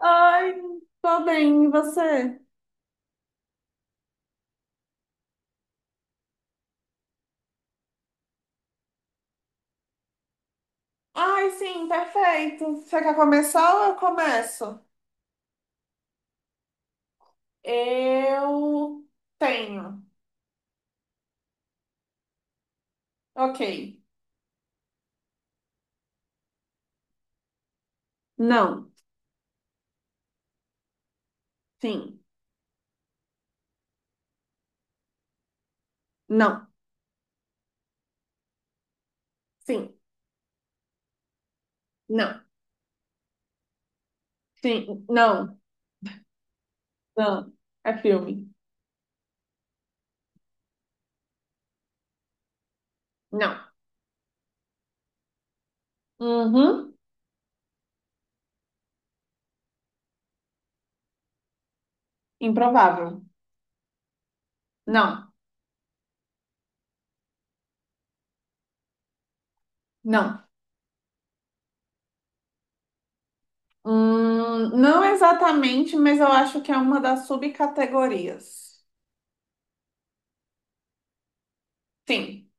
Ai, tô bem, e você? Ai, sim, perfeito. Você quer começar ou eu começo? Eu tenho. Ok. Não, sim, não, sim, não, sim, não, não. É filme. Não. Uhum. Improvável. Não, não. Não exatamente, mas eu acho que é uma das subcategorias. Sim,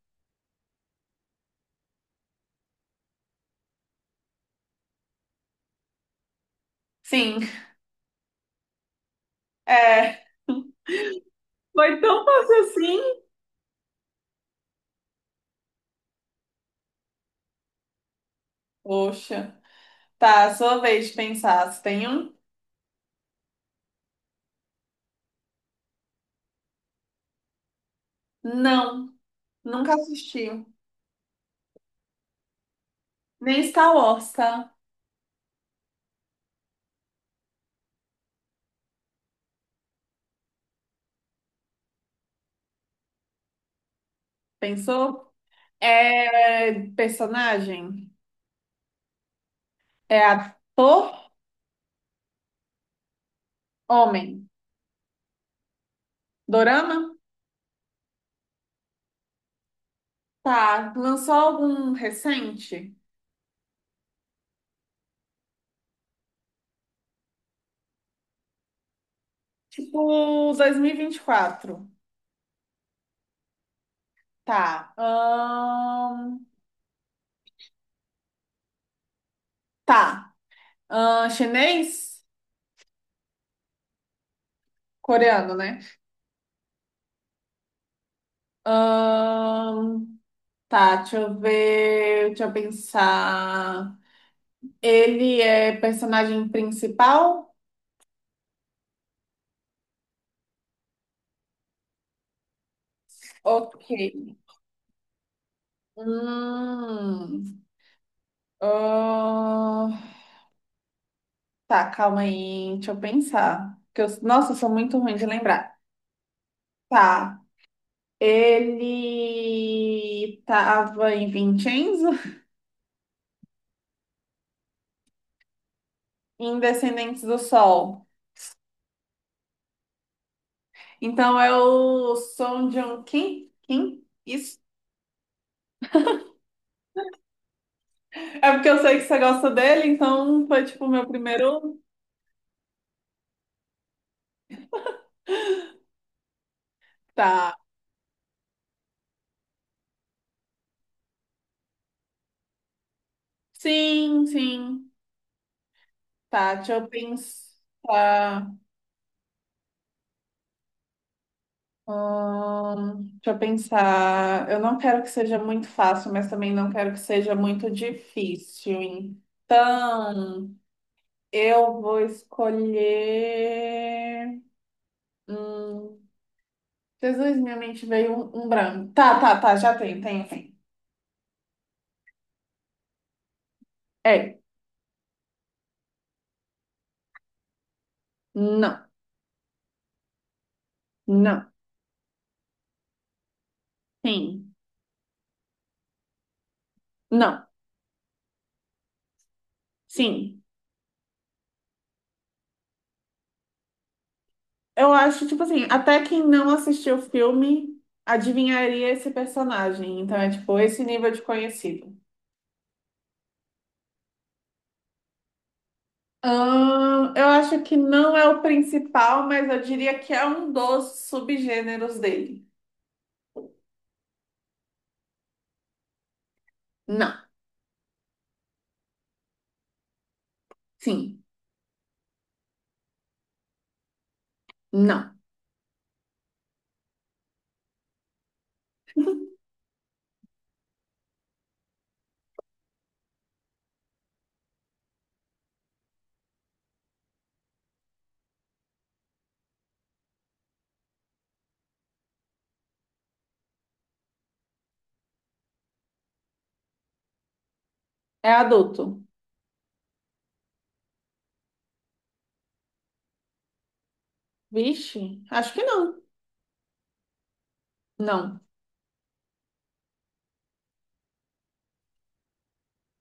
sim. É. Foi tão fácil assim? Poxa. Tá, sua vez de pensar. Você tem um? Não, nunca assisti. Nem Star Wars, tá? Pensou? É personagem? É ator? Homem? Dorama? Tá, lançou algum recente? Tipo 2024. Tá. Tá. Chinês? Coreano, né? Ahn, Tá, deixa eu ver. Deixa eu pensar. Ele é personagem principal? Ok. Hum. Ah, tá, calma aí, deixa eu pensar. Nossa, eu sou muito ruim de lembrar. Tá. Ele tava em Vincenzo, em Descendentes do Sol. Então é o Song Joong Kim? Kim? Isso. É porque eu sei que você gosta dele, então foi tipo o meu primeiro. Tá. Sim, sim. Tá, deixa eu pensar. Deixa eu pensar. Eu não quero que seja muito fácil, mas também não quero que seja muito difícil. Então, eu vou escolher. Hum, Jesus, minha mente veio um branco. Tá, tá, tá, já tem, tem, tem. É, não, não, sim, não, sim. Eu acho, tipo assim, até quem não assistiu o filme adivinharia esse personagem. Então é tipo esse nível de conhecido. Eu acho que não é o principal, mas eu diria que é um dos subgêneros dele. Não, sim, não. É adulto. Vixe, acho que não. Não.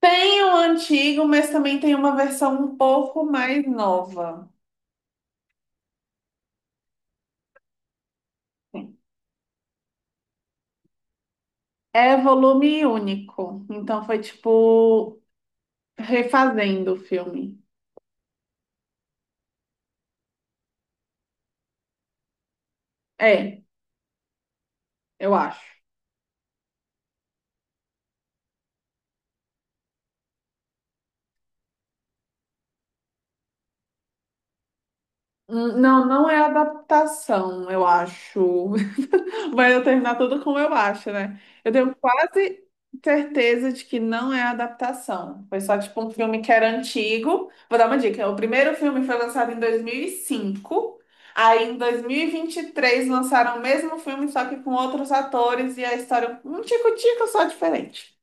Tem o antigo, mas também tem uma versão um pouco mais nova. Sim. É volume único. Então foi tipo refazendo o filme. É, eu acho. Não, não é adaptação, eu acho. Vai eu terminar tudo como eu acho, né? Eu tenho quase certeza de que não é adaptação. Foi só tipo um filme que era antigo. Vou dar uma dica. O primeiro filme foi lançado em 2005. Aí em dois mil e vinte e três, lançaram o mesmo filme, só que com outros atores e a história um tico-tico só diferente.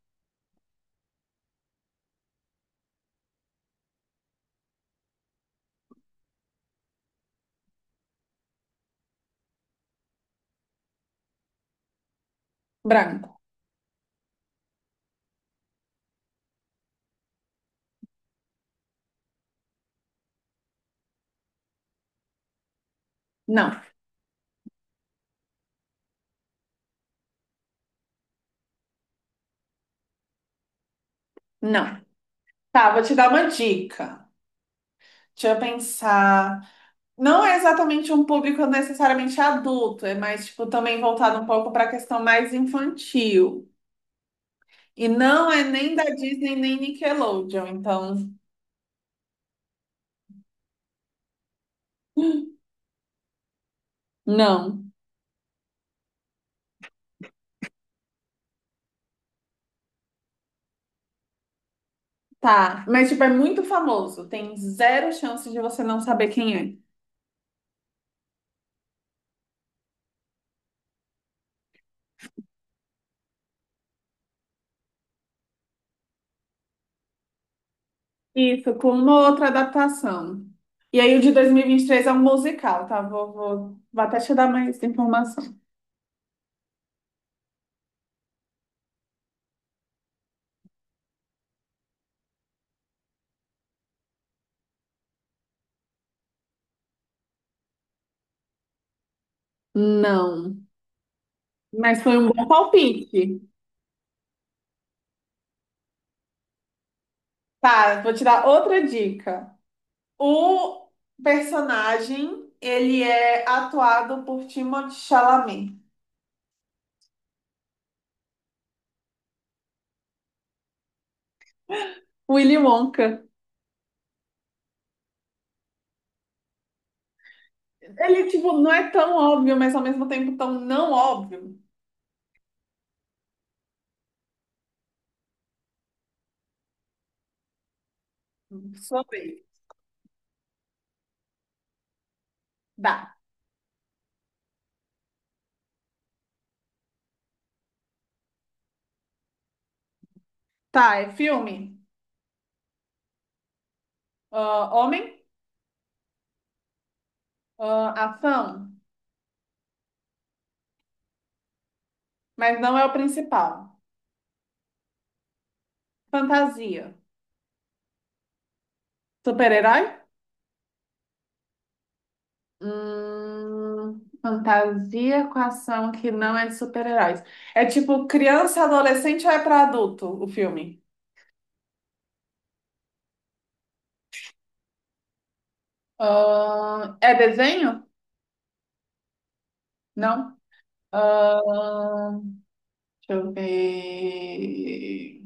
Branco. Não, não. Tá, vou te dar uma dica. Deixa eu pensar. Não é exatamente um público necessariamente adulto, é mais tipo também voltado um pouco para a questão mais infantil. E não é nem da Disney nem Nickelodeon, então não. Tá, mas tipo é muito famoso, tem zero chance de você não saber quem é. Isso, com uma outra adaptação. E aí o de dois mil e vinte e três é um musical, tá? Vou até te dar mais informação. Não, mas foi um bom palpite. Tá, vou te dar outra dica. O personagem, ele é atuado por Timothée Chalamet. Willy Wonka. Ele, tipo, não é tão óbvio, mas ao mesmo tempo tão não óbvio. Sobre, Dá. Tá, é filme. Ah, homem. Ah, ação. Mas não é o principal. Fantasia. Super-herói? Fantasia com ação que não é de super-heróis. É tipo criança, adolescente ou é pra adulto o filme? É desenho? Não. Ahn, deixa eu ver.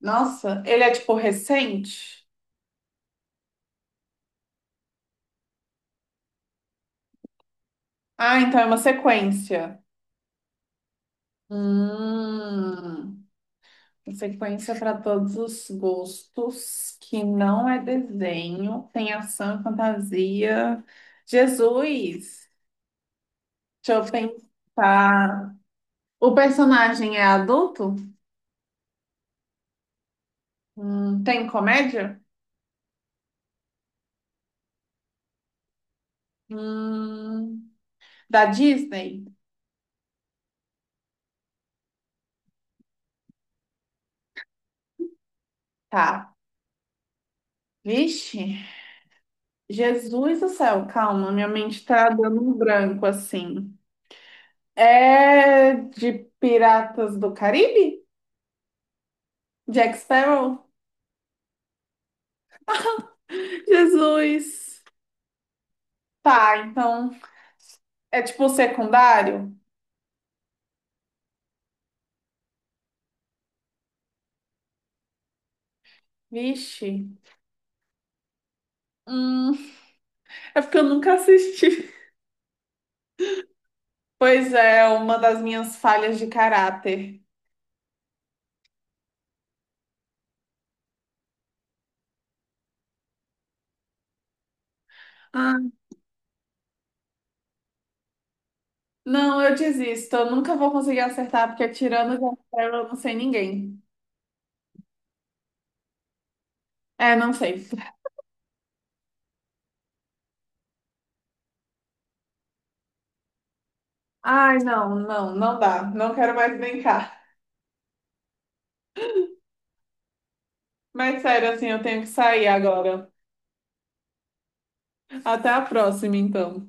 Nossa, ele é tipo recente? Ah, então é uma sequência. Hum, uma sequência para todos os gostos, que não é desenho, tem ação e fantasia. Jesus! Deixa eu pensar. O personagem é adulto? Tem comédia? Hum, da Disney? Tá. Vixe, Jesus do céu, calma, minha mente tá dando um branco assim. É de Piratas do Caribe? Jack Sparrow? Jesus. Tá, então é tipo secundário? Vixe. Hum, é porque eu nunca assisti. Pois é, uma das minhas falhas de caráter. Ah, não, eu desisto. Eu nunca vou conseguir acertar, porque tirando o Jack Sparrow, eu não sei ninguém. É, não sei. Ai, não, não, não dá. Não quero mais brincar. Mas sério, assim, eu tenho que sair agora. Até a próxima, então.